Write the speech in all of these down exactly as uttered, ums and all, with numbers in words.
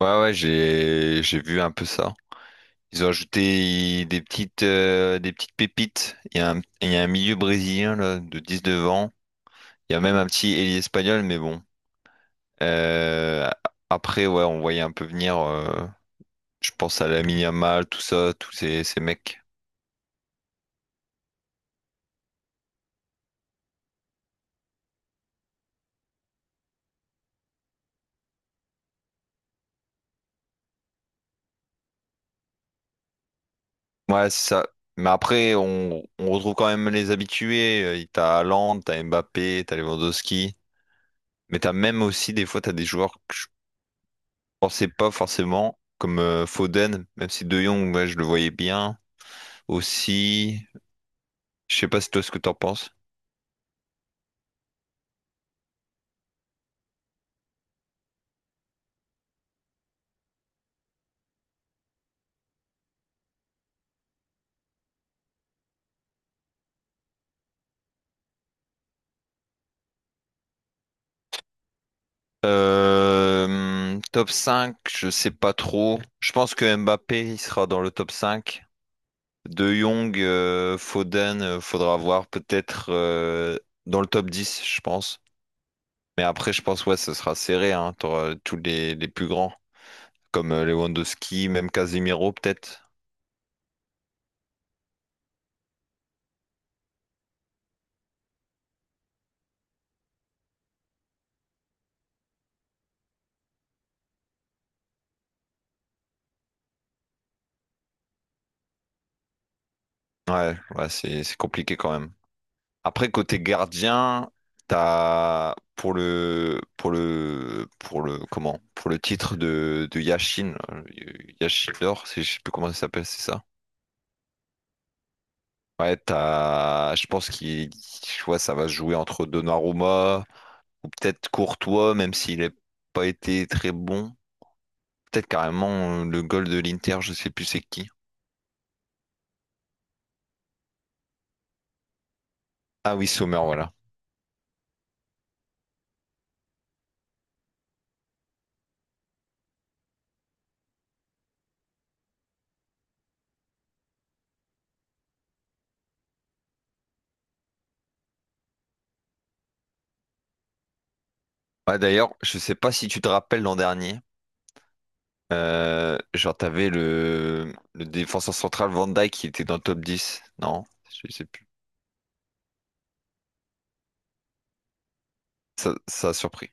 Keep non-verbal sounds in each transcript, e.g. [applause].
Ouais, ouais, j'ai j'ai vu un peu ça. Ils ont ajouté des petites euh, des petites pépites. Il y a un, il y a un milieu brésilien là, de dix-neuf ans. Il y a même un petit ailier espagnol, mais bon. Euh, Après, ouais, on voyait un peu venir. Euh, je pense à Lamine Yamal, tout ça, tous ces, ces mecs. Ouais, c'est ça. Mais après, on, on retrouve quand même les habitués. Euh, T'as Haaland, t'as Mbappé, t'as Lewandowski. Mais t'as même aussi des fois t'as des joueurs. Pensais pas forcément, comme euh, Foden, même si De Jong, ouais, je le voyais bien aussi. Je sais pas si toi ce que t'en penses. Euh, top cinq je sais pas trop. Je pense que Mbappé il sera dans le top cinq. De Jong, euh, Foden, euh, faudra voir peut-être euh, dans le top dix je pense. Mais après, je pense ouais, ce sera serré, hein. T'auras tous les, les plus grands, comme euh, Lewandowski, même Casemiro peut-être. Ouais, ouais, c'est c'est compliqué quand même. Après, côté gardien, t'as pour le pour le pour le comment pour le titre de, de Yashin, euh, Yashin d'or, c'est- je sais plus comment ça s'appelle, c'est ça? Ouais, t'as, je pense qu'il, tu vois, ça va se jouer entre Donnarumma ou peut-être Courtois, même s'il n'a pas été très bon. Peut-être carrément euh, le goal de l'Inter, je sais plus c'est qui. Ah oui, Sommer, voilà. Ouais, d'ailleurs, je sais pas si tu te rappelles l'an dernier. Euh, genre, t'avais le, le défenseur central Van Dijk qui était dans le top dix. Non, je sais plus. Ça, ça a surpris.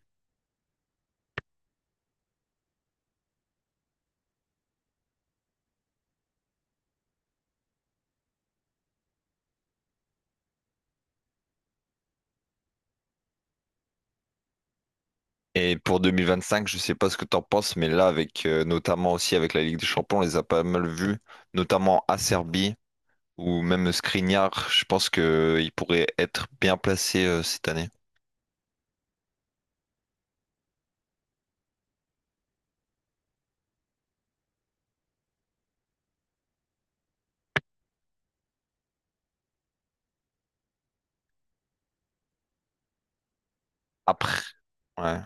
Et pour deux mille vingt-cinq, je sais pas ce que t'en penses, mais là, avec euh, notamment aussi avec la Ligue des Champions, on les a pas mal vus, notamment Acerbi ou même Skriniar. Je pense que euh, il pourrait être bien placé euh, cette année. Après, ouais,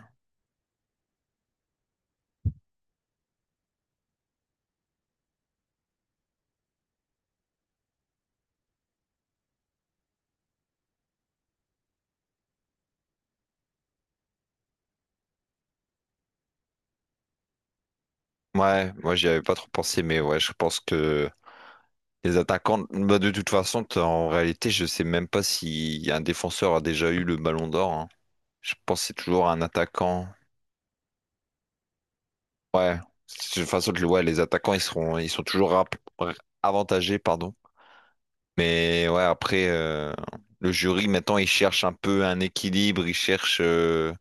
ouais, moi j'y avais pas trop pensé, mais ouais, je pense que les attaquants, bah, de toute façon, t'as- en réalité, je sais même pas si un défenseur a déjà eu le ballon d'or, hein. Je pense que c'est toujours un attaquant. Ouais. De toute façon, le- ouais, les attaquants, ils seront, ils sont toujours rap- avantagés, pardon. Mais ouais, après, euh, le jury, maintenant, il cherche un peu un équilibre, il cherche euh,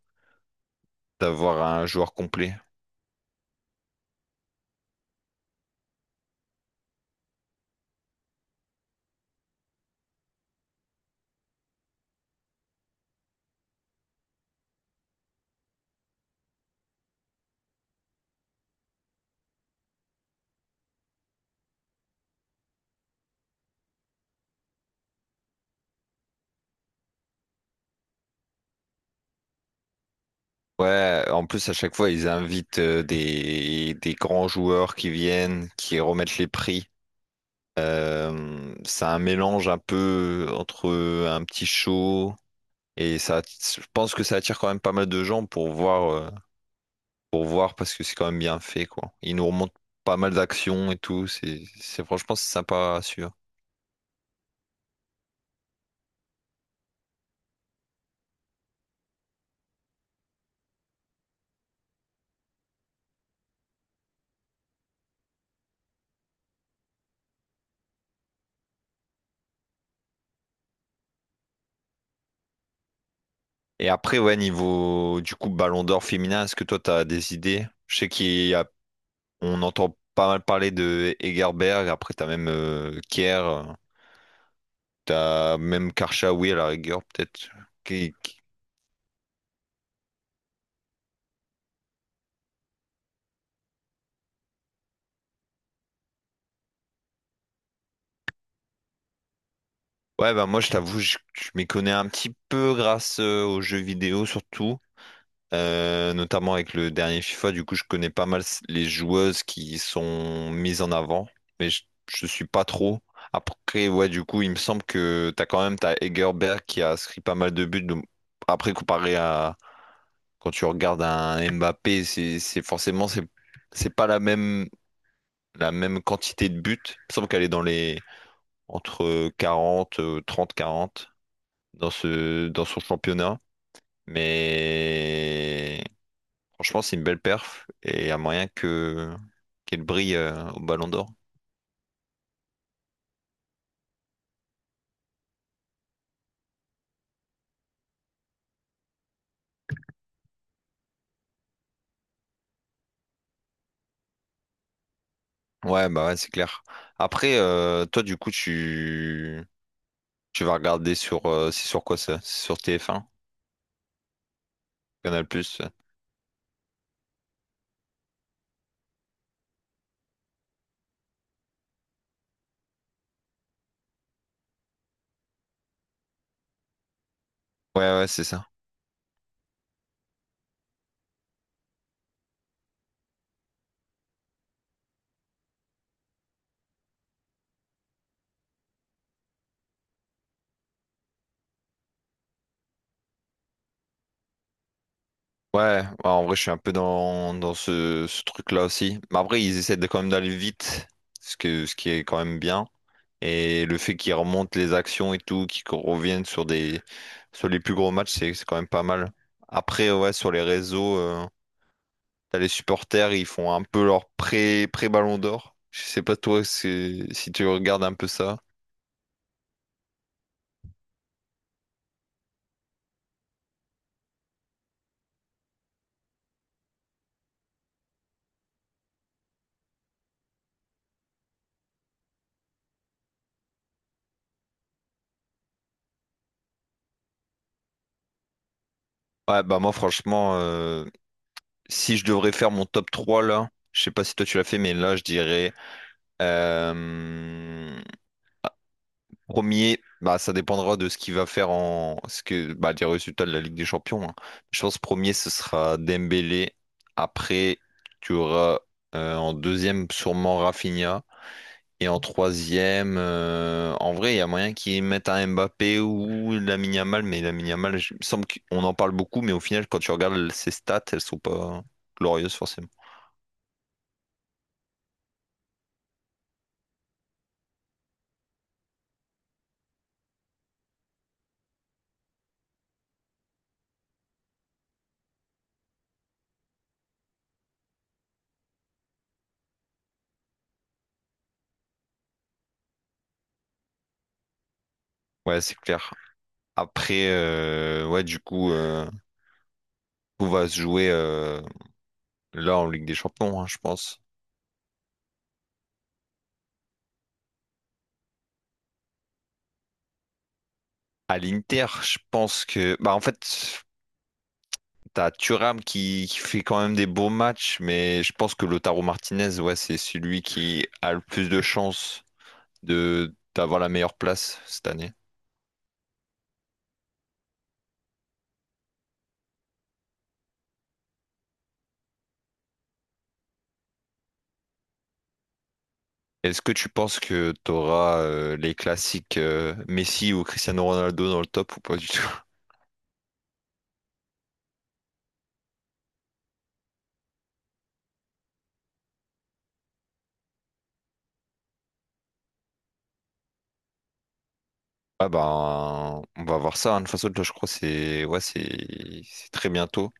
d'avoir un joueur complet. Ouais, en plus à chaque fois ils invitent euh, des, des grands joueurs qui viennent, qui remettent les prix. Euh, c'est un mélange un peu entre un petit show et ça, je pense que ça attire quand même pas mal de gens pour voir, euh, pour voir parce que c'est quand même bien fait quoi. Ils nous remontent pas mal d'actions et tout, c'est, c'est franchement c'est sympa à suivre. Et après ouais niveau du coup Ballon d'Or féminin, est-ce que toi t'as des idées? Je sais qu'il y On entend pas mal parler de Egerberg, après t'as même euh, Kier, euh, t'as même Karchaoui à la rigueur peut-être. qui- qui- Ouais bah moi je t'avoue je, je m'y connais un petit peu grâce euh, aux jeux vidéo surtout, euh, notamment avec le dernier FIFA, du coup je connais pas mal les joueuses qui sont mises en avant, mais je, je suis pas trop. Après ouais du coup il me semble que t'as quand même t'as Egerberg qui a inscrit pas mal de buts, donc après comparé à quand tu regardes un Mbappé, c'est c'est forcément c'est c'est pas la même la même quantité de buts. Il me semble qu'elle est dans les entre quarante euh, trente, quarante dans ce dans son championnat. Mais franchement, c'est une belle perf et il y a moyen que qu'elle brille euh, au Ballon d'Or. Ouais, bah ouais, c'est clair. Après, euh, toi, du coup, tu tu vas regarder sur euh, c'est sur quoi ça? C'est sur T F un, Canal+. Ouais, ouais, c'est ça. Ouais, ouais, en vrai, je suis un peu dans, dans ce, ce truc-là aussi. Mais après, ils essaient de, quand même d'aller vite, ce que, ce qui est quand même bien. Et le fait qu'ils remontent les actions et tout, qu'ils reviennent sur des, sur les plus gros matchs, c'est, c'est quand même pas mal. Après, ouais, sur les réseaux, euh, t'as les supporters, ils font un peu leur pré, pré-ballon d'or. Je sais pas toi c'est- si tu regardes un peu ça. Ouais, bah moi, franchement, euh, si je devrais faire mon top trois là, je sais pas si toi tu l'as fait, mais là, je dirais. Euh, Premier, bah, ça dépendra de ce qu'il va faire en ce que bah, des résultats de la Ligue des Champions, hein. Je pense premier, ce sera Dembélé. Après, tu auras euh, en deuxième sûrement Rafinha. Et en troisième, euh, en vrai, il y a moyen qu'ils mettent un Mbappé ou Lamine Yamal, mais Lamine Yamal, je- il me semble qu'on en parle beaucoup, mais au final, quand tu regardes ses stats, elles sont pas glorieuses forcément. Ouais, c'est clair. Après, euh, ouais, du coup, euh, tout va se jouer euh, là en Ligue des Champions, hein, je pense. À l'Inter, je pense que. Bah, en fait, t'as Thuram qui, qui fait quand même des beaux matchs, mais je pense que Lautaro Martinez, ouais, c'est celui qui a le plus de chances de d'avoir la meilleure place cette année. Est-ce que tu penses que t'auras euh, les classiques euh, Messi ou Cristiano Ronaldo dans le top ou pas du tout? [laughs] Ah ben, on va voir ça, hein. De toute façon, là, je crois que c'est ouais, c'est c'est très bientôt.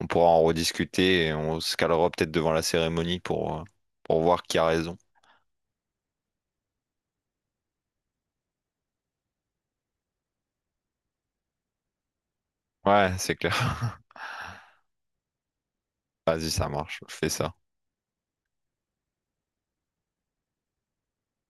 On pourra en rediscuter et on se calera peut-être devant la cérémonie pour, euh, pour voir qui a raison. Ouais, c'est clair. [laughs] Vas-y, ça marche, fais ça.